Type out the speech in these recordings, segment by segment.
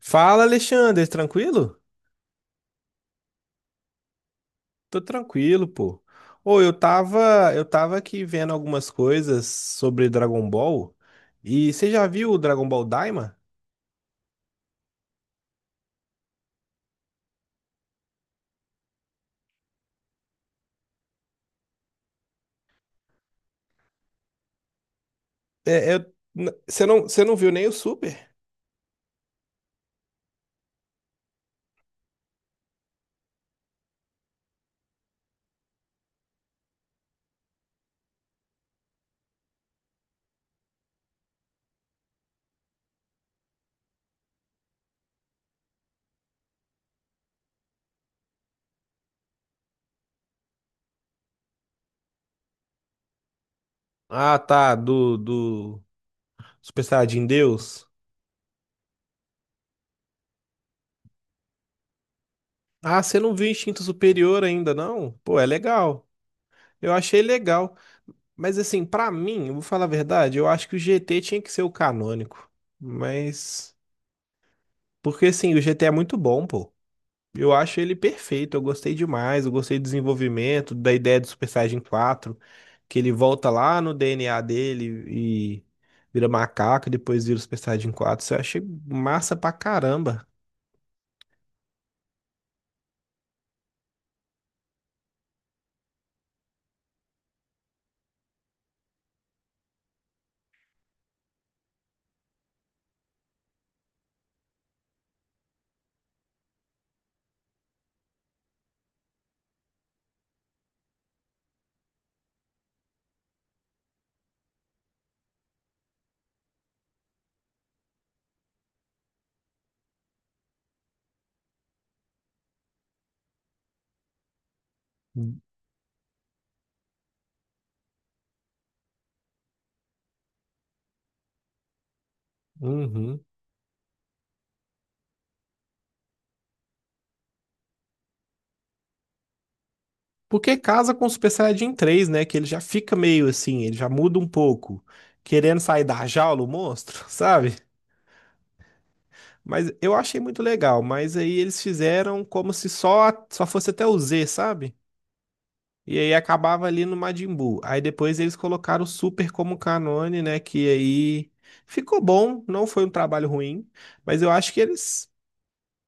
Fala, Alexandre, tranquilo? Tô tranquilo, pô. Ô, eu tava aqui vendo algumas coisas sobre Dragon Ball. E você já viu o Dragon Ball Daima? Você não viu nem o Super? Ah, tá, do Super Saiyajin Deus. Ah, você não viu Instinto Superior ainda, não? Pô, é legal. Eu achei legal. Mas assim, pra mim, eu vou falar a verdade, eu acho que o GT tinha que ser o canônico. Mas porque assim, o GT é muito bom, pô. Eu acho ele perfeito, eu gostei demais, eu gostei do desenvolvimento, da ideia do Super Saiyajin 4, que ele volta lá no DNA dele e vira macaco, e depois vira o Super Saiyajin 4. Isso eu achei massa pra caramba. Uhum. Porque casa com o Super Saiyajin 3, né? Que ele já fica meio assim, ele já muda um pouco, querendo sair da jaula, o monstro, sabe? Mas eu achei muito legal, mas aí eles fizeram como se só fosse até o Z, sabe? E aí acabava ali no Majin Buu. Aí depois eles colocaram o Super como canone, né? Que aí ficou bom, não foi um trabalho ruim, mas eu acho que eles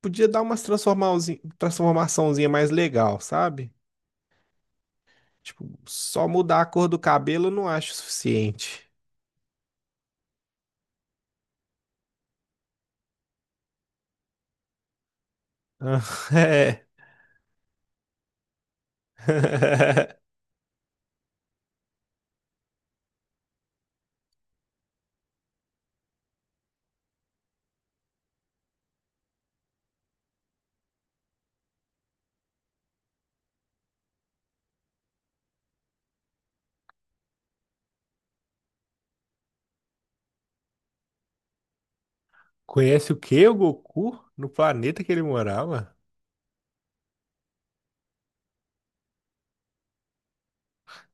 podia dar umas transformaçãozinha mais legal, sabe? Tipo, só mudar a cor do cabelo eu não acho o suficiente. Ah, é. Conhece o que o Goku no planeta que ele morava?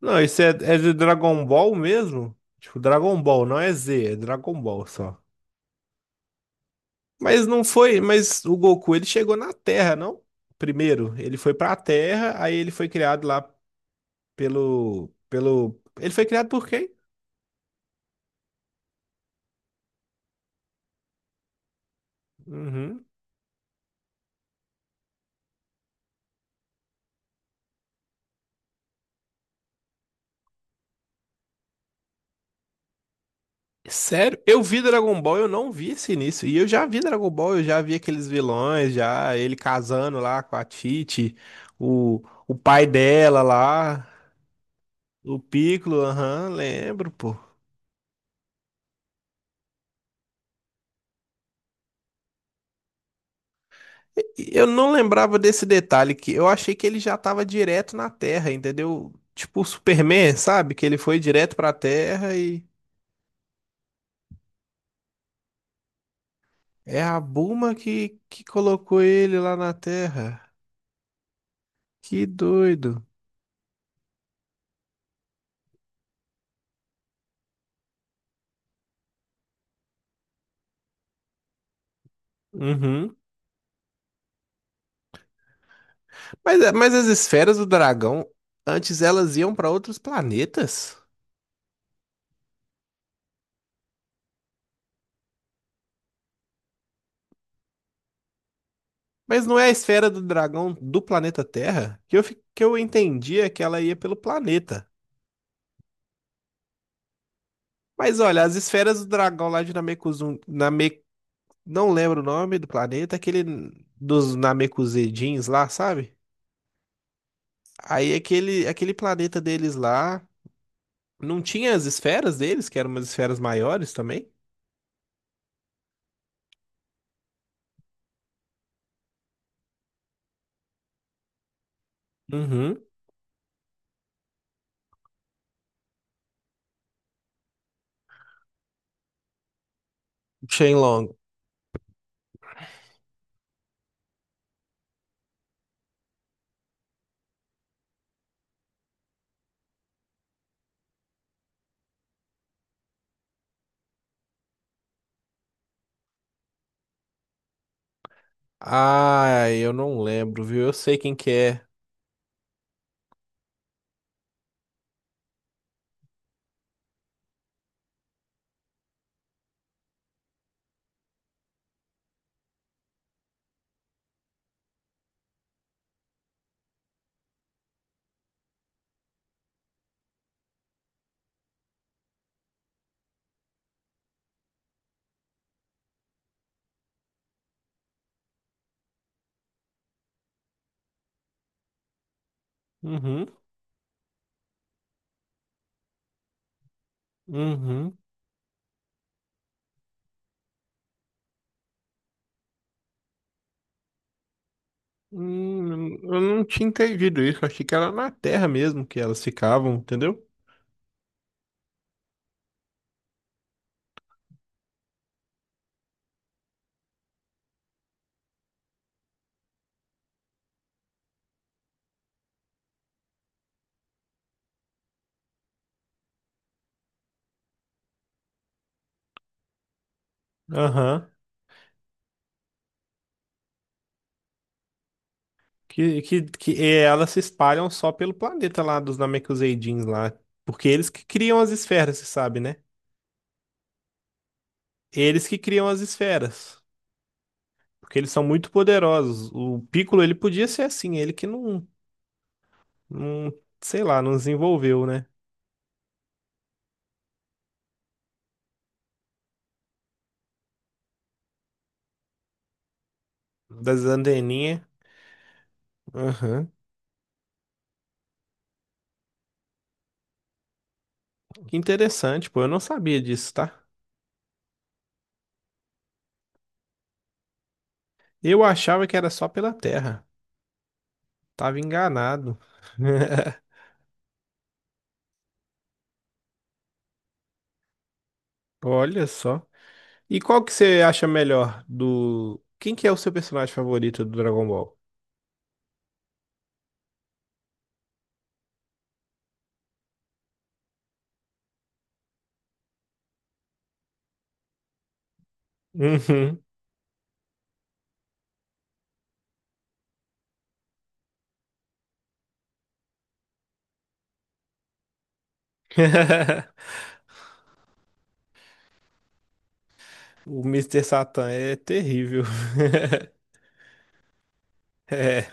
Não, isso é, é de Dragon Ball mesmo? Tipo, Dragon Ball, não é Z, é Dragon Ball só. Mas não foi, mas o Goku ele chegou na Terra, não? Primeiro, ele foi pra Terra, aí ele foi criado lá pelo ele foi criado por quem? Uhum. Sério? Eu vi Dragon Ball, eu não vi esse início. E eu já vi Dragon Ball, eu já vi aqueles vilões, já ele casando lá com a Titi, o, o pai dela lá, o Piccolo, aham, lembro, pô. Eu não lembrava desse detalhe que eu achei que ele já estava direto na Terra, entendeu? Tipo o Superman, sabe? Que ele foi direto pra Terra e é a Buma que colocou ele lá na Terra. Que doido. Uhum. Mas, mas as esferas do dragão, antes elas iam pra outros planetas? Mas não é a esfera do dragão do planeta Terra? Que eu entendia que ela ia pelo planeta. Mas olha, as esferas do dragão lá de Namekusum, não lembro o nome do planeta, aquele dos Namekusei-jins lá, sabe? Aí aquele planeta deles lá, não tinha as esferas deles, que eram umas esferas maiores também? Uhum. Shenlong. Ah, eu não lembro, viu? Eu sei quem que é. Uhum, uhum. Eu não tinha entendido isso, achei que era na Terra mesmo que elas ficavam, entendeu? Aham. Que é, elas se espalham só pelo planeta lá dos Namekuseidins lá. Porque eles que criam as esferas, você sabe, né? Eles que criam as esferas. Porque eles são muito poderosos. O Piccolo, ele podia ser assim. Ele que não, não sei lá, não desenvolveu, né? Das anteninhas. Aham. Que interessante, pô. Eu não sabia disso, tá? Eu achava que era só pela Terra. Tava enganado. Olha só. E qual que você acha melhor do... Quem que é o seu personagem favorito do Dragon Ball? Uhum. O Mister Satan é terrível. É,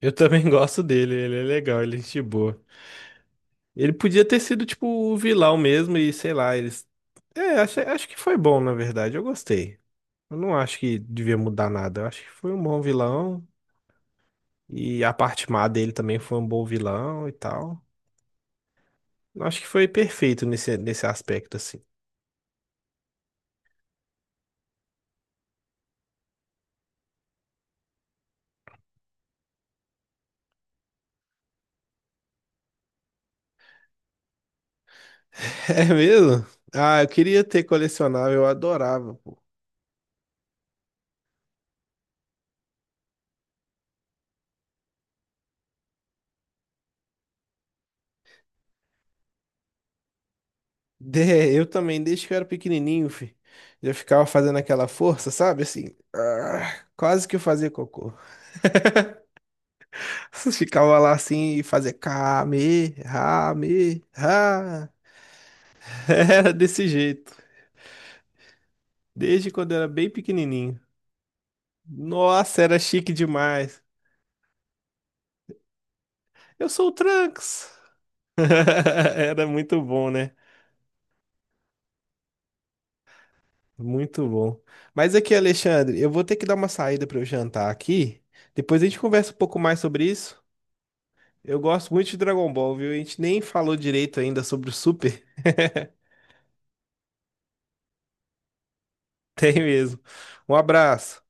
eu também gosto dele, ele é legal, ele é gente boa. Ele podia ter sido tipo o vilão mesmo e sei lá, eles. É, acho que foi bom, na verdade, eu gostei. Eu não acho que devia mudar nada, eu acho que foi um bom vilão e a parte má dele também foi um bom vilão e tal. Eu acho que foi perfeito nesse aspecto, assim. É mesmo? Ah, eu queria ter colecionável, eu adorava, pô. Eu também, desde que eu era pequenininho, eu ficava fazendo aquela força, sabe? Assim, ah, quase que eu fazia cocô. Ficava lá assim e fazia kame, rame, ha. Era desse jeito, desde quando eu era bem pequenininho. Nossa, era chique demais. Eu sou o Trunks. Era muito bom, né? Muito bom. Mas aqui, Alexandre, eu vou ter que dar uma saída para eu jantar aqui. Depois a gente conversa um pouco mais sobre isso. Eu gosto muito de Dragon Ball, viu? A gente nem falou direito ainda sobre o Super. Tem mesmo. Um abraço.